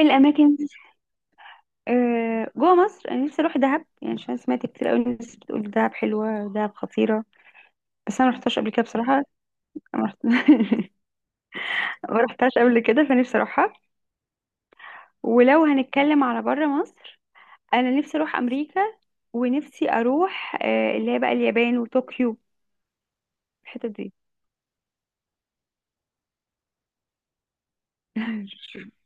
الاماكن. جوه مصر انا نفسي اروح دهب يعني عشان سمعت كتير قوي الناس بتقول دهب حلوه، دهب خطيره. بس انا ما رحتهاش قبل كده بصراحه. ما رحت- ما رحتهاش قبل كده، فنفسي اروحها. ولو هنتكلم على بره مصر، انا نفسي اروح امريكا، ونفسي اروح اللي هي بقى اليابان وطوكيو، الحتت دي.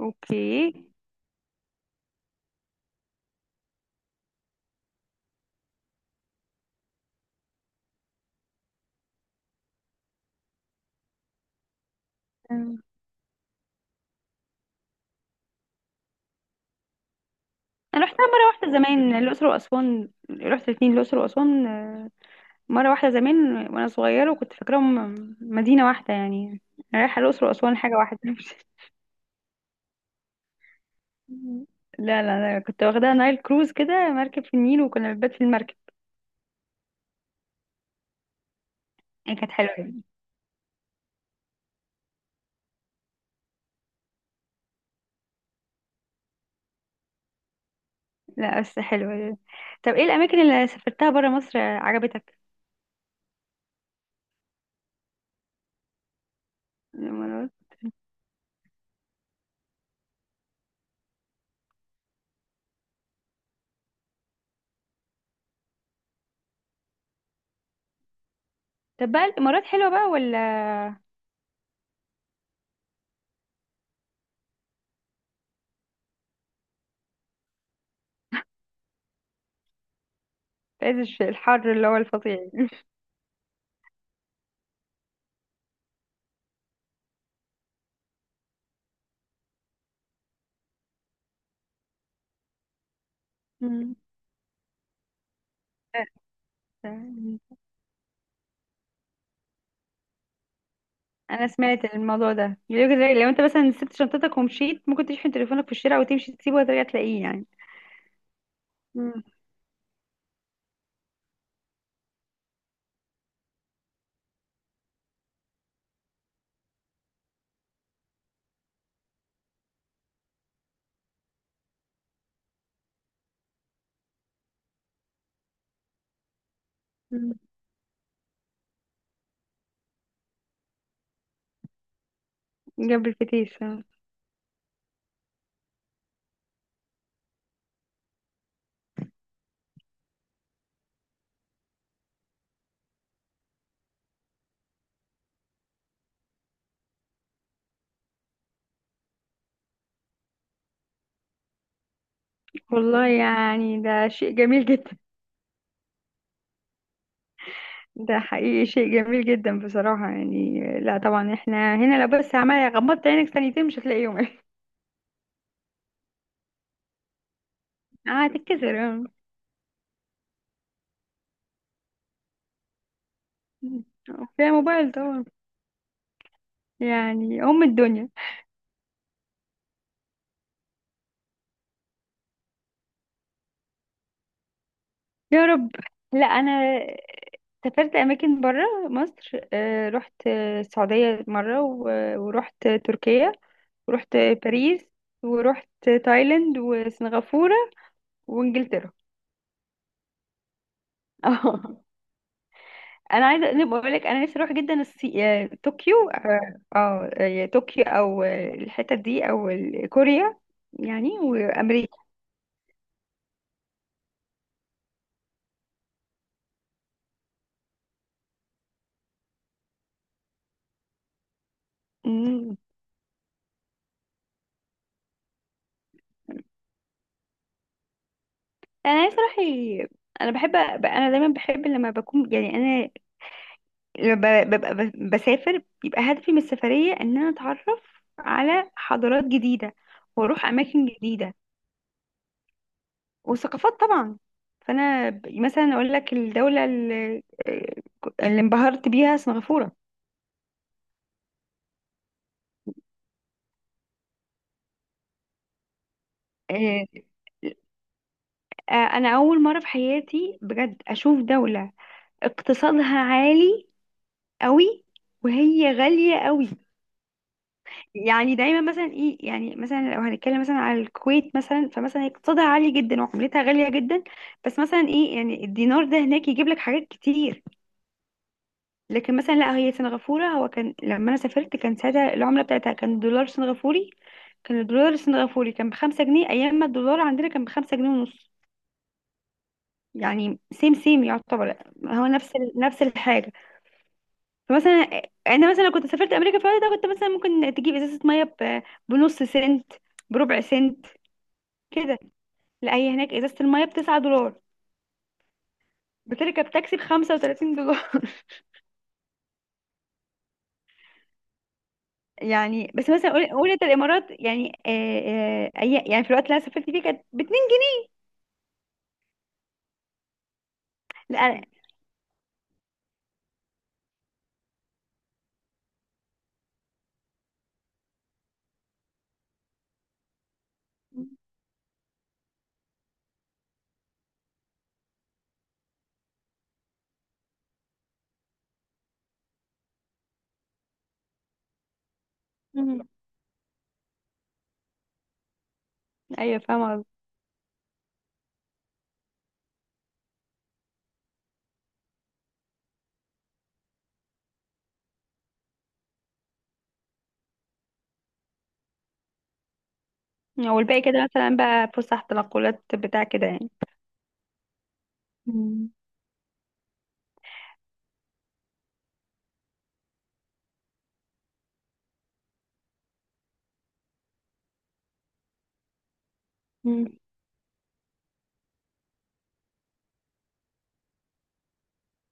اوكي. انا رحتها مره واحده زمان، الاقصر واسوان، رحت الاثنين، الاقصر واسوان مرة واحدة زمان وأنا صغيرة، وكنت فاكراهم مدينة واحدة يعني. رايحة الأقصر وأسوان حاجة واحدة. لا لا لا، كنت واخداها نايل كروز كده، مركب في النيل وكنا بنبات في المركب. يعني كانت حلوة. لا بس حلوة. طب ايه الأماكن اللي سافرتها برا مصر عجبتك؟ الإمارات. طب بقى الإمارات حلوة بقى ولا؟ في عز الحر اللي هو الفظيع. مم. أنا سمعت الموضوع ده بيقولك زي لو أنت مثلا سبت شنطتك ومشيت، ممكن تشحن تليفونك في الشارع وتمشي تسيبه وترجع تلاقيه يعني. مم. جنب الفتيس آه. والله يعني ده شيء جميل جدا. ده حقيقي شيء جميل جدا بصراحة، يعني لا طبعا احنا هنا لو بس عمال غمضت عينك ثانيتين مش هتلاقيهم. هتتكسر آه. فيها موبايل طبعا. يعني أم الدنيا. يا رب. لا، أنا سافرت أماكن برا مصر، رحت السعودية مرة ورحت تركيا، ورحت باريس، ورحت تايلاند وسنغافورة وإنجلترا. اه. انا عايزه، أنا بقول لك انا نفسي اروح جدا طوكيو اه. طوكيو او الحتت دي او كوريا. يعني وامريكا. مم. انا نفسي اروح انا بحب، انا دايما بحب لما بكون يعني انا لما ببقى بسافر بيبقى هدفي من السفريه ان انا اتعرف على حضارات جديده واروح اماكن جديده، وثقافات طبعا. فانا مثلا اقول لك الدوله آه، اللي انبهرت بيها سنغافوره. آه، انا اول مره في حياتي بجد اشوف دوله اقتصادها عالي قوي، وهي غاليه قوي. يعني دايما مثلا ايه، يعني مثلا لو هنتكلم مثلا على الكويت مثلا، فمثلا اقتصادها عالي جدا وعملتها غاليه جدا. بس مثلا ايه، يعني الدينار ده هناك يجيب لك حاجات كتير. لكن مثلا لا هي سنغافوره، هو كان لما انا سافرت كان ساعتها العمله بتاعتها كان دولار سنغافوري. كان الدولار السنغافوري كان بخمسة جنيه أيام ما الدولار عندنا كان بخمسة جنيه ونص. يعني سيم سيم يعتبر. هو نفس الحاجة. فمثلا يعني انا مثلا لو كنت سافرت امريكا في الوقت ده كنت مثلا ممكن تجيب ازازه ميه بنص سنت، بربع سنت كده. لا هي هناك ازازه الميه ب 9 دولار. بتركب تاكسي ب 35 دولار. يعني بس مثلا قول قول انت الامارات يعني يعني في الوقت اللي انا سافرت فيه كانت باتنين. لا. مم. ايوه فاهمه قصدي. والباقي كده مثلا بقى فسح، تنقلات، بتاع كده يعني. مم. مم.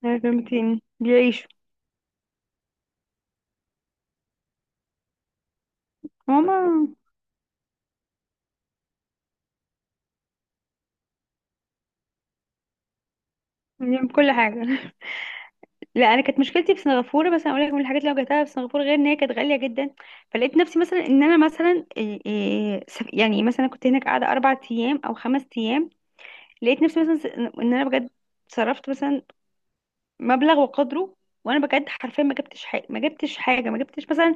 لازم بيعيشوا. هما. ليهم كل حاجه. لا، انا كانت مشكلتي في سنغافوره، بس انا اقول لك من الحاجات اللي واجهتها في سنغافوره غير ان هي كانت غاليه جدا، فلقيت نفسي مثلا ان انا مثلا يعني مثلا كنت هناك قاعده اربع ايام او خمس ايام. لقيت نفسي مثلا ان انا بجد صرفت مثلا مبلغ وقدره. وانا بجد حرفيا ما جبتش حاجه، ما جبتش حاجه، ما جبتش مثلا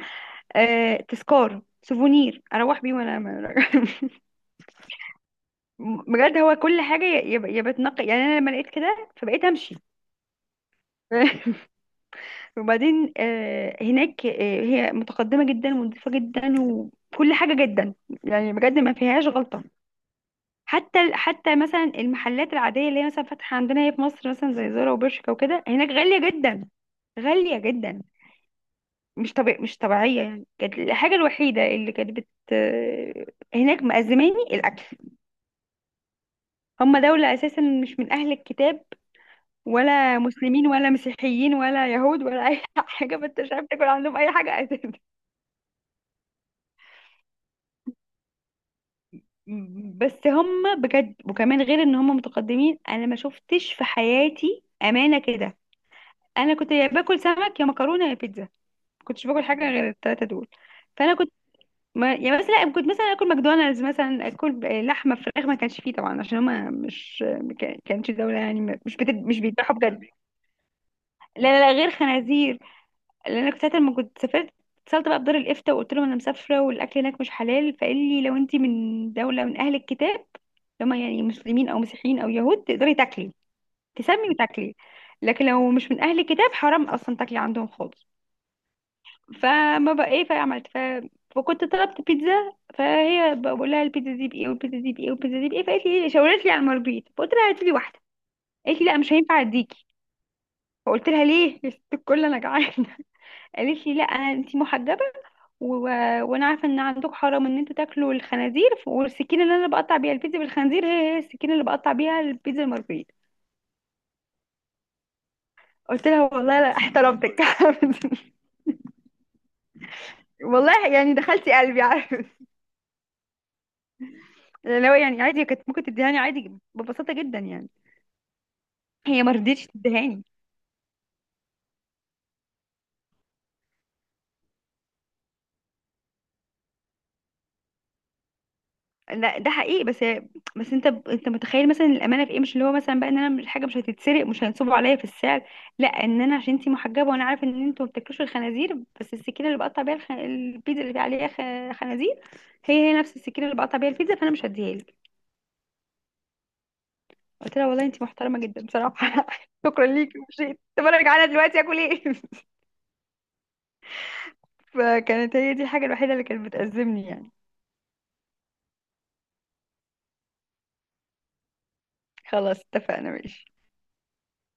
تذكار سوفونير اروح بيه، وانا راجعة. بجد هو كل حاجه يا بتنقي يعني انا لما لقيت كده فبقيت امشي. وبعدين هناك هي متقدمة جدا ونظيفة جدا وكل حاجة جدا. يعني بجد ما فيهاش غلطة. حتى مثلا المحلات العادية اللي هي مثلا فاتحة عندنا هي في مصر مثلا زي زارا وبرشكا وكده، هناك غالية جدا. غالية جدا، مش طبيعية يعني. كانت الحاجة الوحيدة اللي كانت بت آه، هناك مأزماني الأكل. هم دولة أساسا مش من أهل الكتاب، ولا مسلمين ولا مسيحيين ولا يهود ولا أي حاجة، فأنت مش عارف تاكل عندهم أي حاجة أساسا. بس هم بجد وكمان غير ان هم متقدمين، انا ما شفتش في حياتي امانه كده. انا كنت يا باكل سمك يا مكرونه يا بيتزا، ما كنتش باكل حاجه غير الثلاثه دول. فانا كنت، ما يعني مثلا كنت مثلا اكل ماكدونالدز مثلا، اكل لحمه فراخ ما كانش فيه طبعا عشان هم مش، ما كانش دوله يعني مش مش بيذبحوا بجد. لا لا لا، غير خنازير. لان انا كنت ساعه لما كنت سافرت اتصلت بقى بدار الافتاء وقلت لهم انا مسافره والاكل هناك مش حلال، فقال لي لو انت من دوله من اهل الكتاب، لما يعني مسلمين او مسيحيين او يهود، تقدري تاكلي، تسمي وتاكلي. لكن لو مش من اهل الكتاب حرام اصلا تاكلي عندهم خالص. فما بقى ايه، فعملت فكنت طلبت بيتزا، فهي بقى بقول لها البيتزا دي بايه والبيتزا دي بايه والبيتزا دي بايه، فقالت لي ايه شاورت لي على المربيت، فقلت لها هاتي لي واحده. قالت لي لا مش هينفع اديكي. فقلت لها ليه؟ يا ست الكل انا جعانه. قالت لي لا انا انتي محجبه و... وانا عارفه ان عندك حرام ان انتوا تاكلوا الخنازير، والسكينه اللي انا بقطع بيها البيتزا بالخنزير هي هي السكينه اللي بقطع بيها البيتزا المارجريتا. قلت لها والله لا احترمتك. والله يعني دخلتي قلبي عارف. يعني لو يعني عادي كانت ممكن تديهاني عادي ببساطه جدا يعني، هي ما رضيتش تديهاني. لا ده حقيقي. بس بس انت متخيل مثلا الامانه في ايه؟ مش اللي هو مثلا بقى ان انا مش حاجه مش هتتسرق، مش هينصبوا عليا في السعر. لا، ان انا عشان انتي محجبه وانا عارف ان انتوا ما بتاكلوش الخنازير، بس السكينه اللي بقطع بيها البيتزا اللي عليها خنازير، هي هي نفس السكينه اللي بقطع بيها البيتزا، فانا مش هديها لك. قلت لها والله انتي محترمه جدا بصراحه. شكرا ليكي ومشيت. طب انا جعانه دلوقتي اكل ايه؟ فكانت هي دي الحاجه الوحيده اللي كانت بتأزمني يعني. خلاص اتفقنا ماشي